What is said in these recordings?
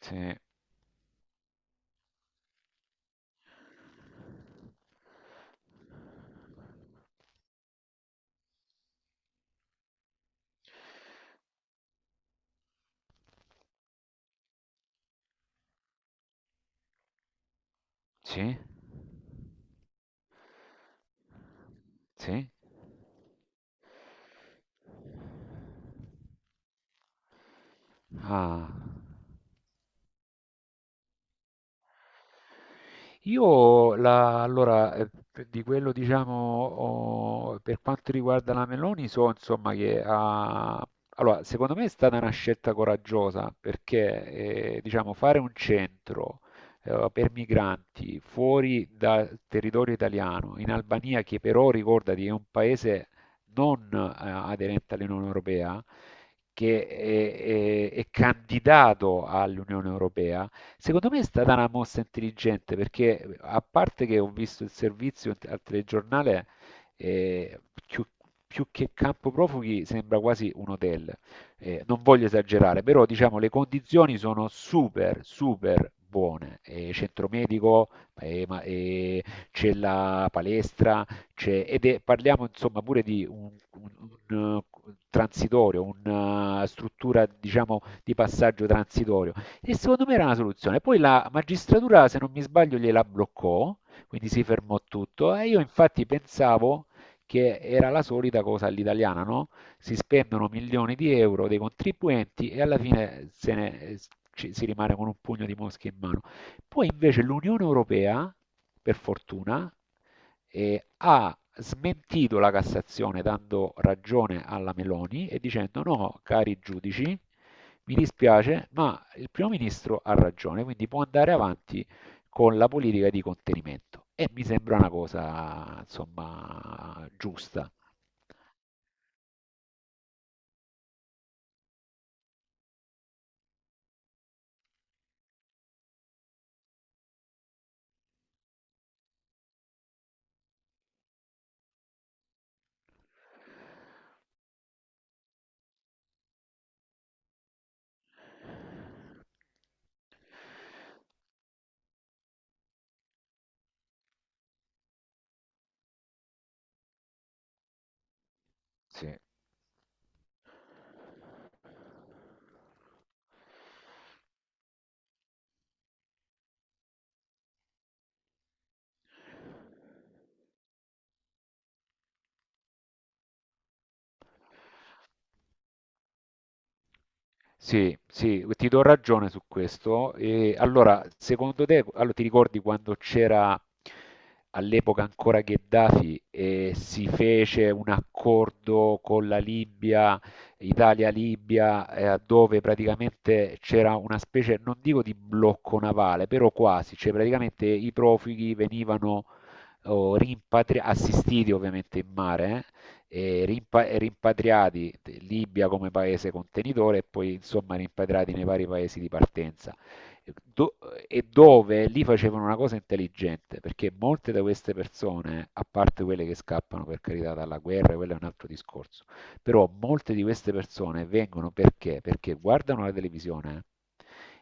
Sì, sì, sì. Ah. Io allora, di quello diciamo, per quanto riguarda la Meloni, so insomma che ha, allora, secondo me è stata una scelta coraggiosa perché diciamo, fare un centro per migranti fuori dal territorio italiano, in Albania, che però ricordati è un paese non aderente all'Unione Europea, che è candidato all'Unione Europea. Secondo me è stata una mossa intelligente perché a parte che ho visto il servizio al telegiornale, eh, più, più che campo profughi sembra quasi un hotel. Non voglio esagerare, però diciamo le condizioni sono super, super buone. Centro medico, eh, ma- eh, c'è la palestra, parliamo insomma pure di un transitorio, una struttura diciamo di passaggio transitorio. E secondo me era una soluzione. Poi la magistratura, se non mi sbaglio, gliela bloccò, quindi si fermò tutto. E io infatti pensavo che era la solita cosa all'italiana, no? Si spendono milioni di euro dei contribuenti e alla fine se ne- ci- si rimane con un pugno di mosche in mano. Poi invece l'Unione Europea, per fortuna, ha smentito la Cassazione dando ragione alla Meloni e dicendo no, cari giudici, mi dispiace, ma il primo ministro ha ragione, quindi può andare avanti con la politica di contenimento. E mi sembra una cosa, insomma, giusta. Sì, sì, ti do ragione su questo. E allora, secondo te, allora, ti ricordi quando c'era all'epoca ancora Gheddafi e si fece un accordo con la Libia, Italia-Libia, dove praticamente c'era una specie, non dico di blocco navale, però quasi, cioè praticamente i profughi venivano o assistiti ovviamente in mare e rimpatriati, Libia come paese contenitore e poi insomma rimpatriati nei vari paesi di partenza. Do- e dove lì facevano una cosa intelligente, perché molte di queste persone, a parte quelle che scappano per carità dalla guerra, quello è un altro discorso, però molte di queste persone vengono perché? Perché guardano la televisione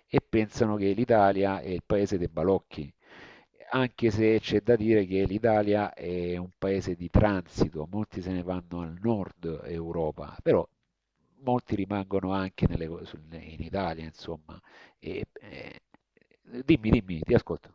e pensano che l'Italia è il paese dei balocchi, anche se c'è da dire che l'Italia è un paese di transito, molti se ne vanno al nord Europa, però molti rimangono anche in Italia, insomma. E- e- Dimmi, dimmi, ti ascolto.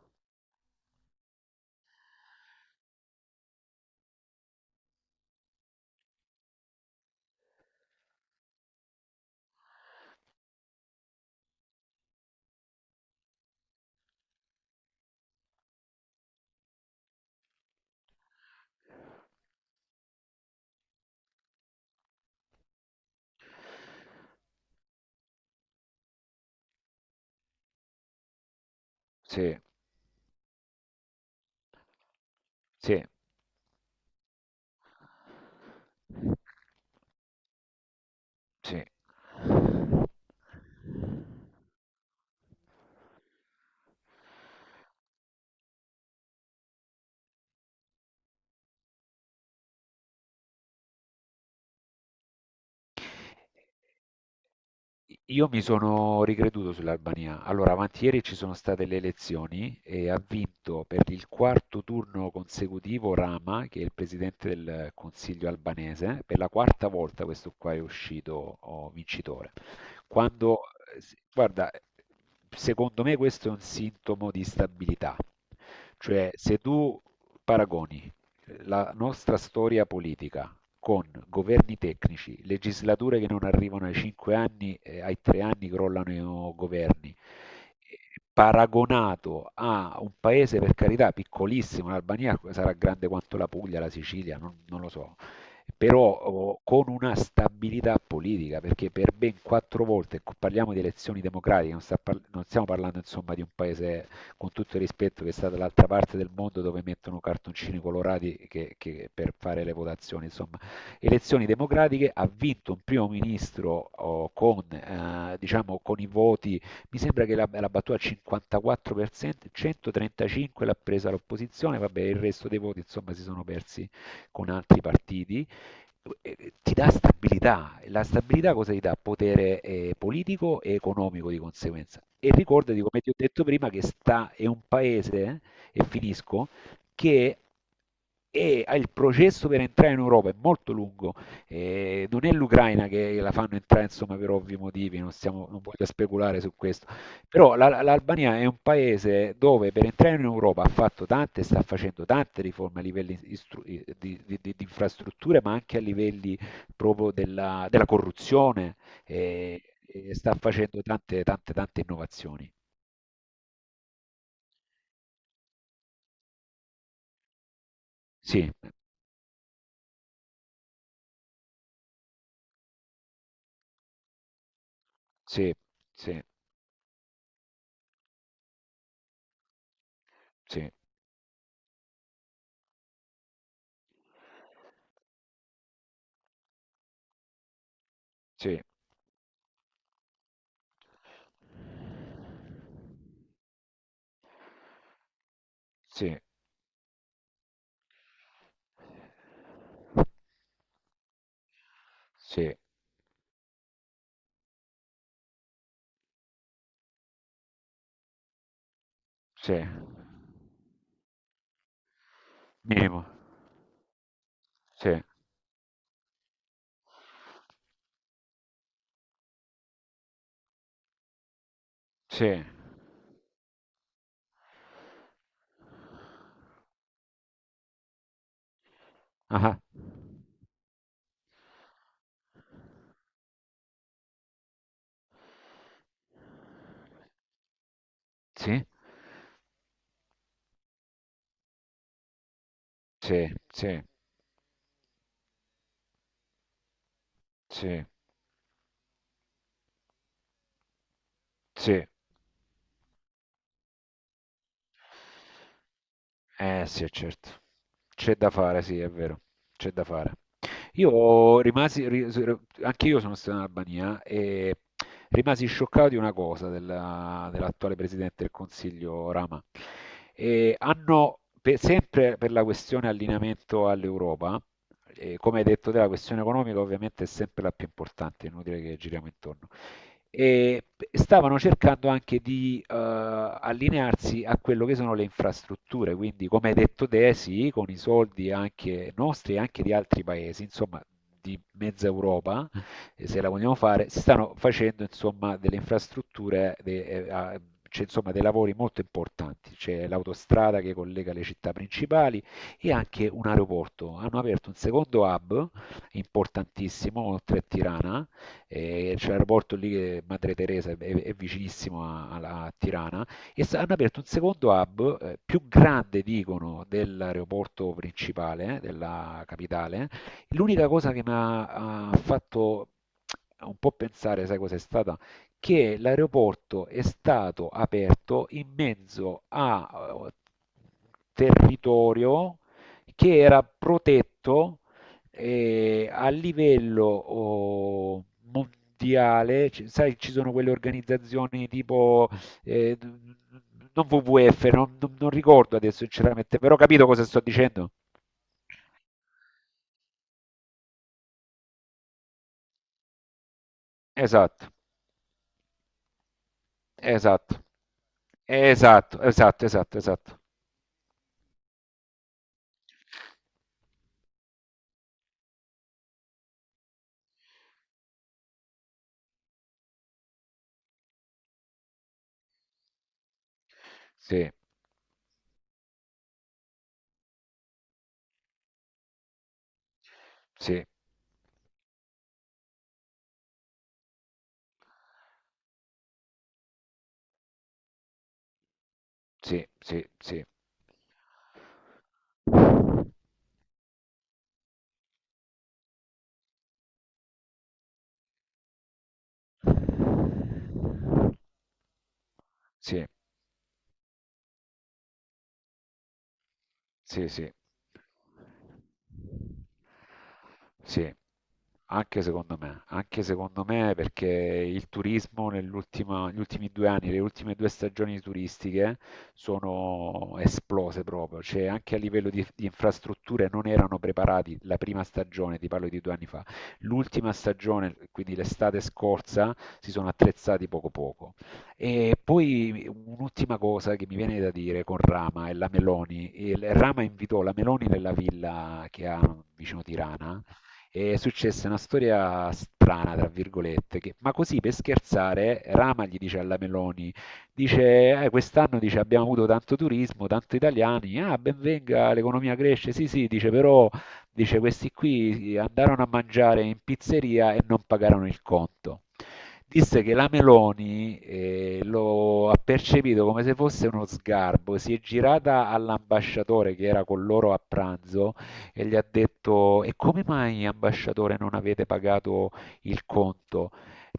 Sì, sì, sì. Io mi sono ricreduto sull'Albania. Allora, avanti ieri ci sono state le elezioni e ha vinto per il quarto turno consecutivo Rama, che è il presidente del Consiglio albanese. Per la quarta volta questo qua è uscito, oh, vincitore. Quando, guarda, secondo me questo è un sintomo di stabilità. Cioè, se tu paragoni la nostra storia politica con governi tecnici, legislature che non arrivano ai 5 anni, ai 3 anni crollano i, governi, paragonato a un paese per carità piccolissimo, l'Albania sarà grande quanto la Puglia, la Sicilia, non lo so, però, con una stabilità politica, perché per ben 4 volte ecco, parliamo di elezioni democratiche, non stiamo parlando insomma di un paese, con tutto il rispetto, che sta dall'altra parte del mondo dove mettono cartoncini colorati che per fare le votazioni, insomma elezioni democratiche, ha vinto un primo ministro, diciamo, con i voti, mi sembra che l'ha battuta al 54%, 135 l'ha presa l'opposizione, vabbè il resto dei voti insomma si sono persi con altri partiti. Ti dà stabilità. La stabilità cosa ti dà? Potere, politico e economico di conseguenza. E ricordati, come ti ho detto prima, che è un paese, e finisco, che e il processo per entrare in Europa è molto lungo, non è l'Ucraina che la fanno entrare insomma, per ovvi motivi, non voglio speculare su questo, però l'Albania è un paese dove per entrare in Europa ha fatto tante, sta facendo tante riforme a livelli di infrastrutture, ma anche a livelli proprio della corruzione, e sta facendo tante, tante, tante innovazioni. Sì, sì, sì, sì, sì, sì. Sì, sì. Minimo. Sì, sì. Ah-ah. Sì, sì, sì, sì, sì. Eh sì, certo. C'è da fare, sì, è vero. C'è da fare. Io rimasi, anche io sono stato in Albania e rimasi scioccato di una cosa dell'attuale Presidente del Consiglio Rama. E hanno, sempre per la questione allineamento all'Europa, e come hai detto te, la questione economica ovviamente è sempre la più importante, è inutile che giriamo intorno, e stavano cercando anche di allinearsi a quello che sono le infrastrutture, quindi, come hai detto te, sì, con i soldi anche nostri e anche di altri paesi, insomma di mezza Europa, se la vogliamo fare, si stanno facendo insomma delle infrastrutture, cioè, insomma, dei lavori molto importanti, c'è l'autostrada che collega le città principali e anche un aeroporto, hanno aperto un secondo hub importantissimo oltre a Tirana, e c'è l'aeroporto lì che Madre Teresa è vicinissimo a Tirana, e hanno aperto un secondo hub, più grande, dicono, dell'aeroporto principale, della capitale. L'unica cosa che mi ha fatto un po' pensare, sai cos'è stata? Che l'aeroporto è stato aperto in mezzo a territorio che era protetto, e a livello, mondiale, sai, ci sono quelle organizzazioni tipo, eh, non WWF, non ricordo adesso sinceramente, però capito cosa sto dicendo? Esatto, esatto, esatto, esatto, esatto, esatto. Sì, sì, sì, sì, sì. Sì. Sì, sì. Sì, anche secondo me, anche secondo me, perché il turismo negli ultimi 2 anni, le ultime 2 stagioni turistiche, sono esplose proprio, cioè anche a livello di infrastrutture non erano preparati la prima stagione, ti parlo di 2 anni fa, l'ultima stagione, quindi l'estate scorsa, si sono attrezzati poco poco. E poi un'ultima cosa che mi viene da dire con Rama e la Meloni. Rama invitò la Meloni nella villa che ha vicino Tirana e successe una storia strana, tra virgolette, ma così per scherzare Rama gli dice alla Meloni, dice, quest'anno, dice, abbiamo avuto tanto turismo, tanto italiani, ah, ben venga, l'economia cresce, sì sì, dice, però, dice, questi qui andarono a mangiare in pizzeria e non pagarono il conto. Disse che la Meloni lo ha percepito come se fosse uno sgarbo, si è girata all'ambasciatore che era con loro a pranzo e gli ha detto: E come mai, ambasciatore, non avete pagato il conto?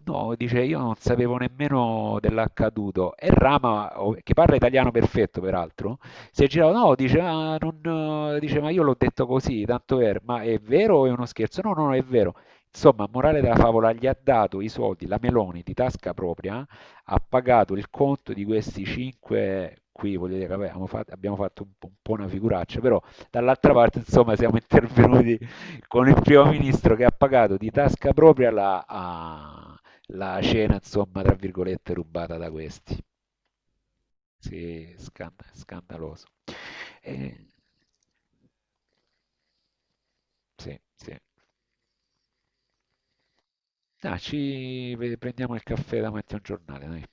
No, dice, io non sapevo nemmeno dell'accaduto. E Rama, che parla italiano perfetto peraltro, si è girato, no, dice, "Ah, non", dice, ma io l'ho detto così, tanto per, ma è vero o è uno scherzo? No, no, no, è vero. Insomma, morale della favola, gli ha dato i soldi, la Meloni di tasca propria, ha pagato il conto di questi cinque, qui voglio dire, vabbè, abbiamo fatto un po' una figuraccia, però, dall'altra parte, insomma, siamo intervenuti con il primo ministro che ha pagato di tasca propria la cena, insomma, tra virgolette, rubata da questi. Sì, scandaloso. Eh, sì, sì. Ah, ci prendiamo il caffè davanti a un giornale, dai.